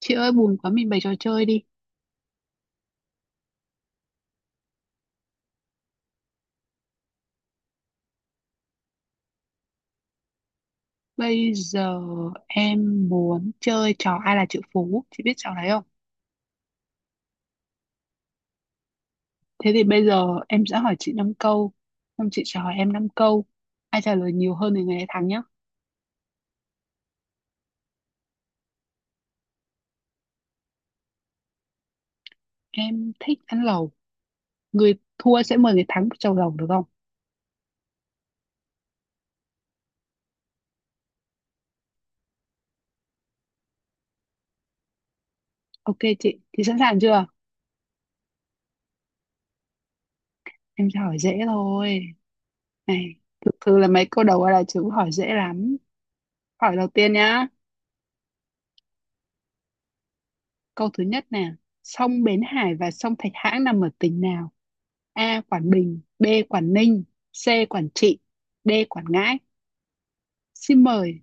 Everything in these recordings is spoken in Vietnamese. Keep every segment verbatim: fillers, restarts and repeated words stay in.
Chị ơi buồn quá mình bày trò chơi đi. Bây giờ em muốn chơi trò ai là triệu phú, chị biết trò đấy không? Thế thì bây giờ em sẽ hỏi chị năm câu, xong chị sẽ hỏi em năm câu. Ai trả lời nhiều hơn thì người ấy thắng nhá. Em thích ăn lẩu, người thua sẽ mời người thắng một chầu lẩu được không? Ok chị, thì sẵn sàng chưa? Em sẽ hỏi dễ thôi. Này, thực sự là mấy câu đầu ai là chữ hỏi dễ lắm. Hỏi đầu tiên nhá. Câu thứ nhất nè, sông Bến Hải và sông Thạch Hãn nằm ở tỉnh nào? A. Quảng Bình, B. Quảng Ninh, C. Quảng Trị, D. Quảng Ngãi. Xin mời.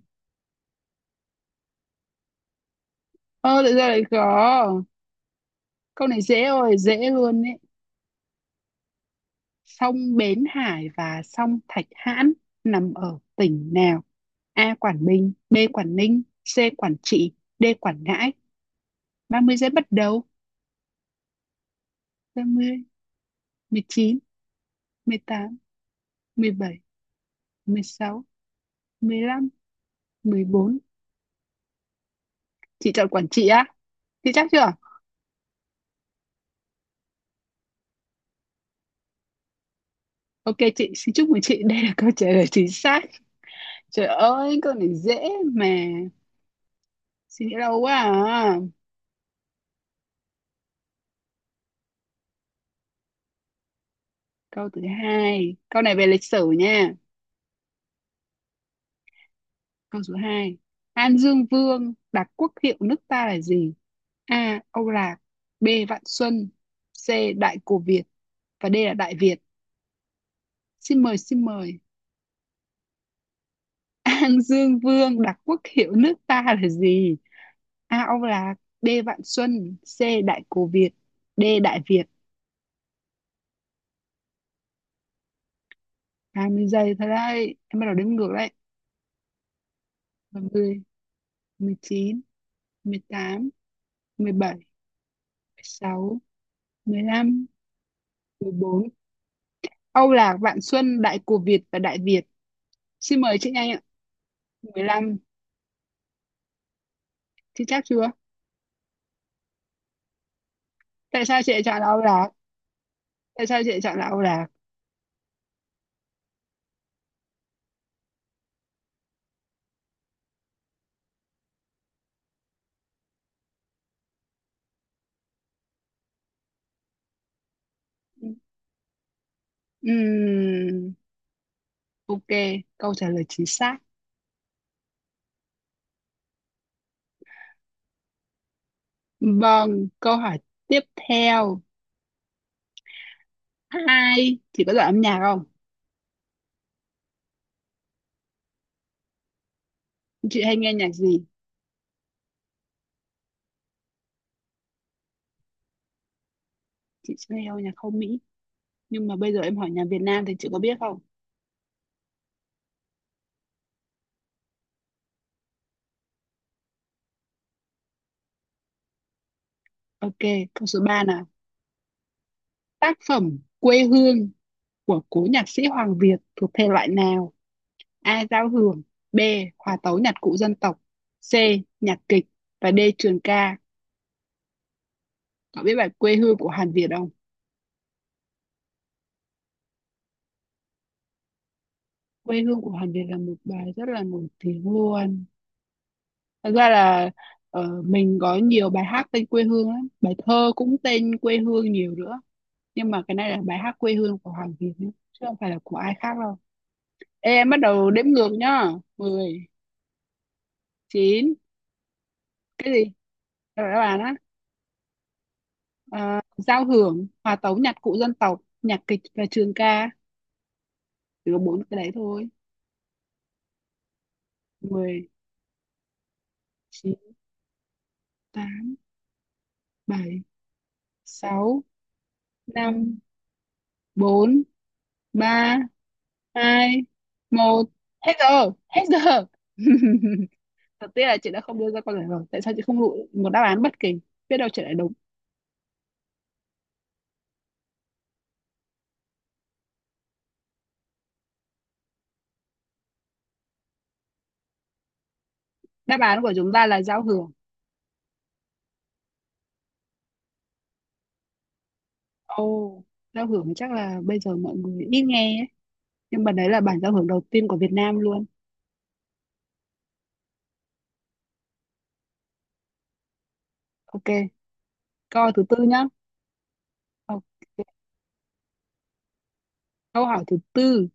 Ơ lại ra lại có. Câu này dễ rồi, dễ luôn ấy. Sông Bến Hải và sông Thạch Hãn nằm ở tỉnh nào? A. Quảng Bình, B. Quảng Ninh, C. Quảng Trị, D. Quảng Ngãi. Ba mươi giây bắt đầu. Ba mươi, mười mười mười chín, tám, mười bảy, mười sáu, mười lăm, mười bốn. Chị chọn Quảng Trị á? Chị chắc chưa? Ok chị, xin chúc mừng chị. Đây là câu trả lời chính xác. Trời ơi, câu này dễ mà. Suy nghĩ lâu quá à. Câu thứ hai. Câu này về lịch sử nha. Câu số hai, An Dương Vương đặt quốc hiệu nước ta là gì? A. Âu Lạc. B. Vạn Xuân. C. Đại Cổ Việt. Và D là Đại Việt. Xin mời, xin mời. An Dương Vương đặt quốc hiệu nước ta là gì? A. Âu Lạc. B. Vạn Xuân. C. Đại Cổ Việt. D. Đại Việt. Hai mươi giây thôi đấy. Em bắt đầu đếm ngược đấy. Ba mươi, mười chín, mười mười tám, mười bảy, mười sáu, mười 16, mười bốn. Âu Lạc, Vạn Xuân, Đại Cổ Việt và Đại Việt. Xin mời chị nhanh ạ. mười lăm, chị chắc chưa? Tại sao chị lại chọn là Âu Lạc? Tại sao chị lại chọn là Âu Lạc? Ừm, ok, câu trả lời chính xác. Vâng, câu hỏi tiếp theo. Hai, chị có giỏi âm nhạc không? Chị hay nghe nhạc gì? Chị sẽ nghe nhạc không Mỹ. Nhưng mà bây giờ em hỏi nhạc Việt Nam thì chị có biết không? Ok, câu số ba nào. Tác phẩm Quê hương của cố nhạc sĩ Hoàng Việt thuộc thể loại nào? A. Giao hưởng, B. Hòa tấu nhạc cụ dân tộc, C. Nhạc kịch, và D. Trường ca. Cậu biết bài Quê hương của Hàn Việt không? Quê hương của Hàn Việt là một bài rất là nổi tiếng luôn. Thật ra là ờ, mình có nhiều bài hát tên quê hương lắm. Bài thơ cũng tên quê hương nhiều nữa. Nhưng mà cái này là bài hát quê hương của Hoàng Việt nhé, chứ không phải là của ai khác đâu. Ê, em bắt đầu đếm ngược nhá. Mười, chín, cái gì? Rồi các bạn á. À, giao hưởng, hòa tấu nhạc cụ dân tộc, nhạc kịch và trường ca. Chỉ có bốn cái đấy thôi. Mười, chín, tám, bảy, sáu, năm, bốn, ba, hai, một. Hết giờ hết giờ Thật tiếc là chị đã không đưa ra câu trả lời. Tại sao chị không lựa một đáp án bất kỳ? Biết đâu chị lại đúng. Đáp án của chúng ta là giao hưởng. Ồ, giao hưởng thì chắc là bây giờ mọi người ít nghe ấy, nhưng mà đấy là bản giao hưởng đầu tiên của Việt Nam luôn. Ok, câu thứ tư nhá. Ok. Câu hỏi thứ tư,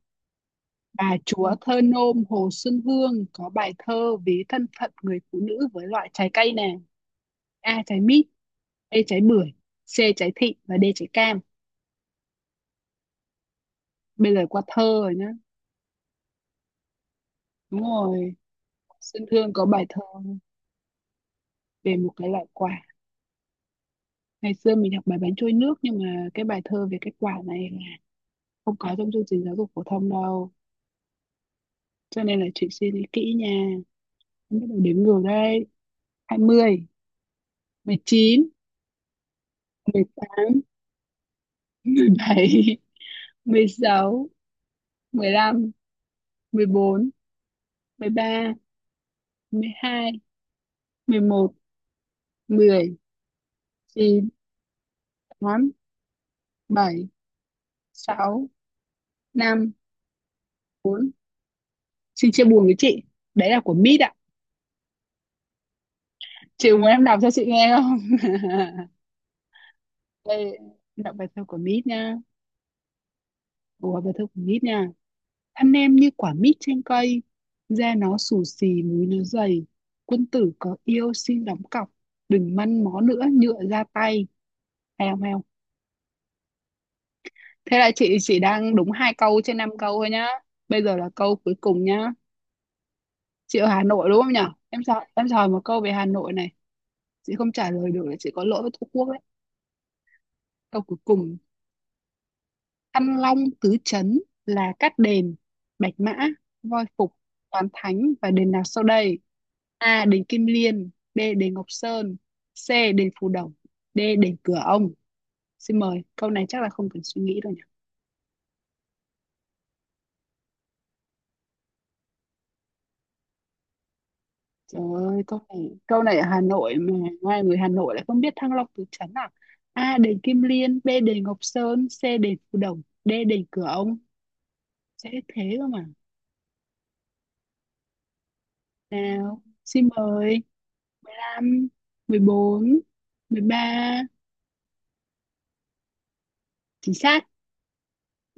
bà chúa thơ nôm Hồ Xuân Hương có bài thơ ví thân phận người phụ nữ với loại trái cây nào? A trái mít, B trái bưởi, C trái thị và D trái cam. Bây giờ qua thơ rồi nhá. Đúng rồi, Xuân Hương có bài thơ về một cái loại quả. Ngày xưa mình học bài bánh trôi nước, nhưng mà cái bài thơ về cái quả này là không có trong chương trình giáo dục phổ thông đâu. Cho nên là chị suy nghĩ kỹ nha. Em bắt đầu đếm ngược đây. Hai mươi, mười chín, mười tám, mười bảy, mười sáu, mười lăm, mười sáu, bốn, mười ba, mười hai, mười một, mười chín, tám, bảy, sáu, năm, bốn. Xin chia buồn với chị. Đấy là của Mít ạ. Chị muốn em đọc cho chị nghe không? Đây, em đọc bài thơ của Mít nha. Ủa, bài thơ của Mít nha. Thân em như quả mít trên cây, da nó xù xì, múi nó dày. Quân tử có yêu xin đóng cọc, đừng măn mó nữa nhựa ra tay. Hay không, hay? Thế là chị chỉ đang đúng hai câu trên năm câu thôi nhá. Bây giờ là câu cuối cùng nhá. Chị ở Hà Nội đúng không nhở? Em sợ em sợ một câu về Hà Nội này. Chị không trả lời được là chị có lỗi với Tổ quốc đấy. Câu cuối cùng. Thăng Long tứ trấn là Cát Đền, Bạch Mã, Voi Phục, Toàn Thánh và đền nào sau đây? A. Đền Kim Liên, B. Đền Ngọc Sơn, C. Đền Phù Đổng, D. Đền Cửa Ông. Xin mời. Câu này chắc là không cần suy nghĩ đâu nhỉ? Trời ơi, câu này, câu này ở Hà Nội mà, ngoài người Hà Nội lại không biết Thăng Long Tứ Trấn à? A. Đền Kim Liên, B. Đền Ngọc Sơn, C. Đền Phù Đồng, D. Đền Cửa Ông. Dễ thế cơ mà. Nào, xin mời. Mười lăm, mười bốn, mười ba. Chính xác,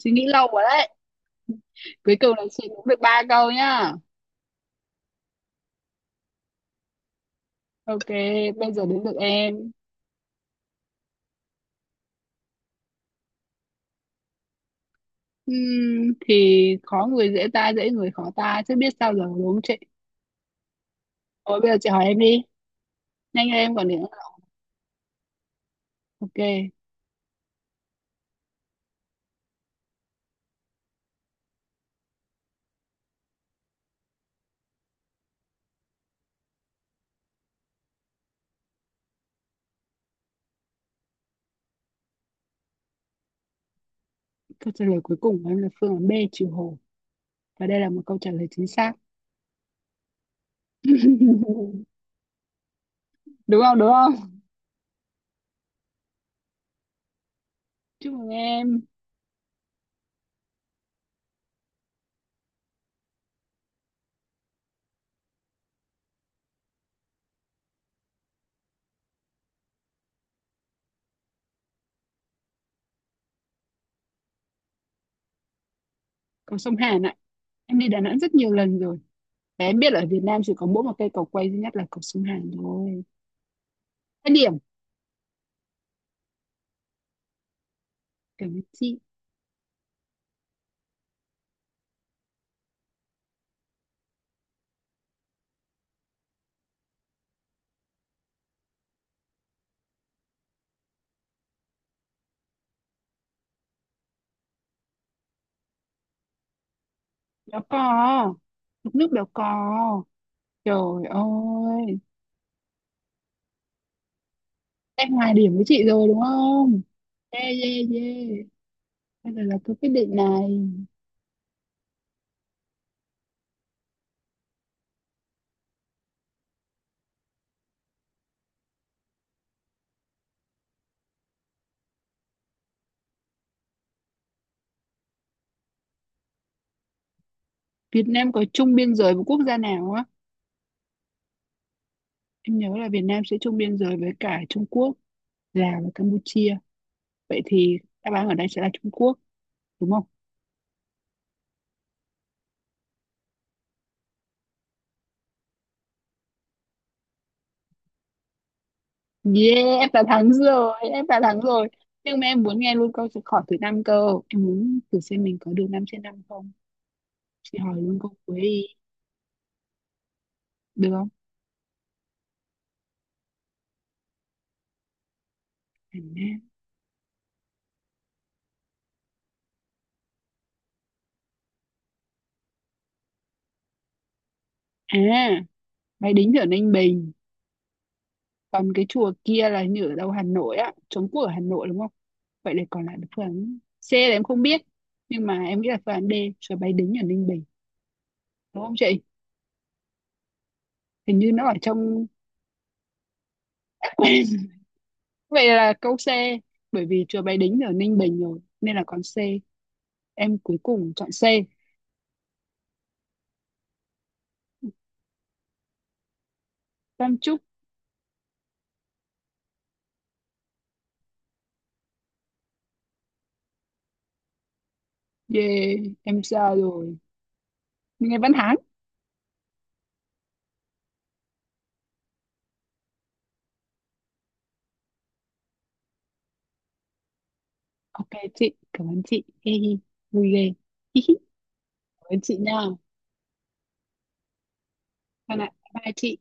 suy nghĩ lâu quá đấy. Cuối cùng là chị cũng được ba câu nhá. Ok, bây giờ đến được em. Ừm, thì khó người dễ ta, dễ người khó ta, chứ biết sao giờ đúng không chị? Thôi bây giờ chị hỏi em đi. Nhanh lên em còn nữa. Ok. Câu trả lời cuối cùng của em là phương án B trừ Hồ. Và đây là một câu trả lời chính xác. Đúng không? Đúng không? Chúc mừng em. Cầu sông Hàn ạ. Em đi Đà Nẵng rất nhiều lần rồi. Và em biết là ở Việt Nam chỉ có mỗi một cây cầu quay duy nhất là cầu sông Hàn thôi. Hai điểm. Cảm ơn chị. Đó có. Mực nước đó có. Trời ơi. Em hòa điểm với chị rồi đúng không? Yeah, yeah, yeah. Bây giờ là tôi quyết định này. Việt Nam có chung biên giới với quốc gia nào á? Em nhớ là Việt Nam sẽ chung biên giới với cả Trung Quốc, Lào và Campuchia. Vậy thì đáp án ở đây sẽ là Trung Quốc, đúng không? Yeah, em đã thắng rồi, em đã thắng rồi. Nhưng mà em muốn nghe luôn câu hỏi thứ năm cơ, em muốn thử xem mình có được năm trên năm không. Chị hỏi luôn câu cuối đi, được không? Hà Nam à. Máy Đính ở Ninh Bình, còn cái chùa kia là như ở đâu, Hà Nội á? Trống Quốc ở Hà Nội đúng không? Vậy là còn lại là phương án C là em không biết, nhưng mà em nghĩ là phương án D. Chùa máy Đính ở Ninh Bình, đúng không chị? Hình như nó ở trong. Vậy là câu C, bởi vì chùa Bái Đính ở Ninh Bình rồi, nên là con C. Em cuối cùng chọn C. Tam Trúc, yeah, em ra rồi. Nghe Văn Hán. Ok chị, cảm ơn chị. Hi hi, vui ghê. Hi hi, cảm ơn chị nha. Bye bye chị.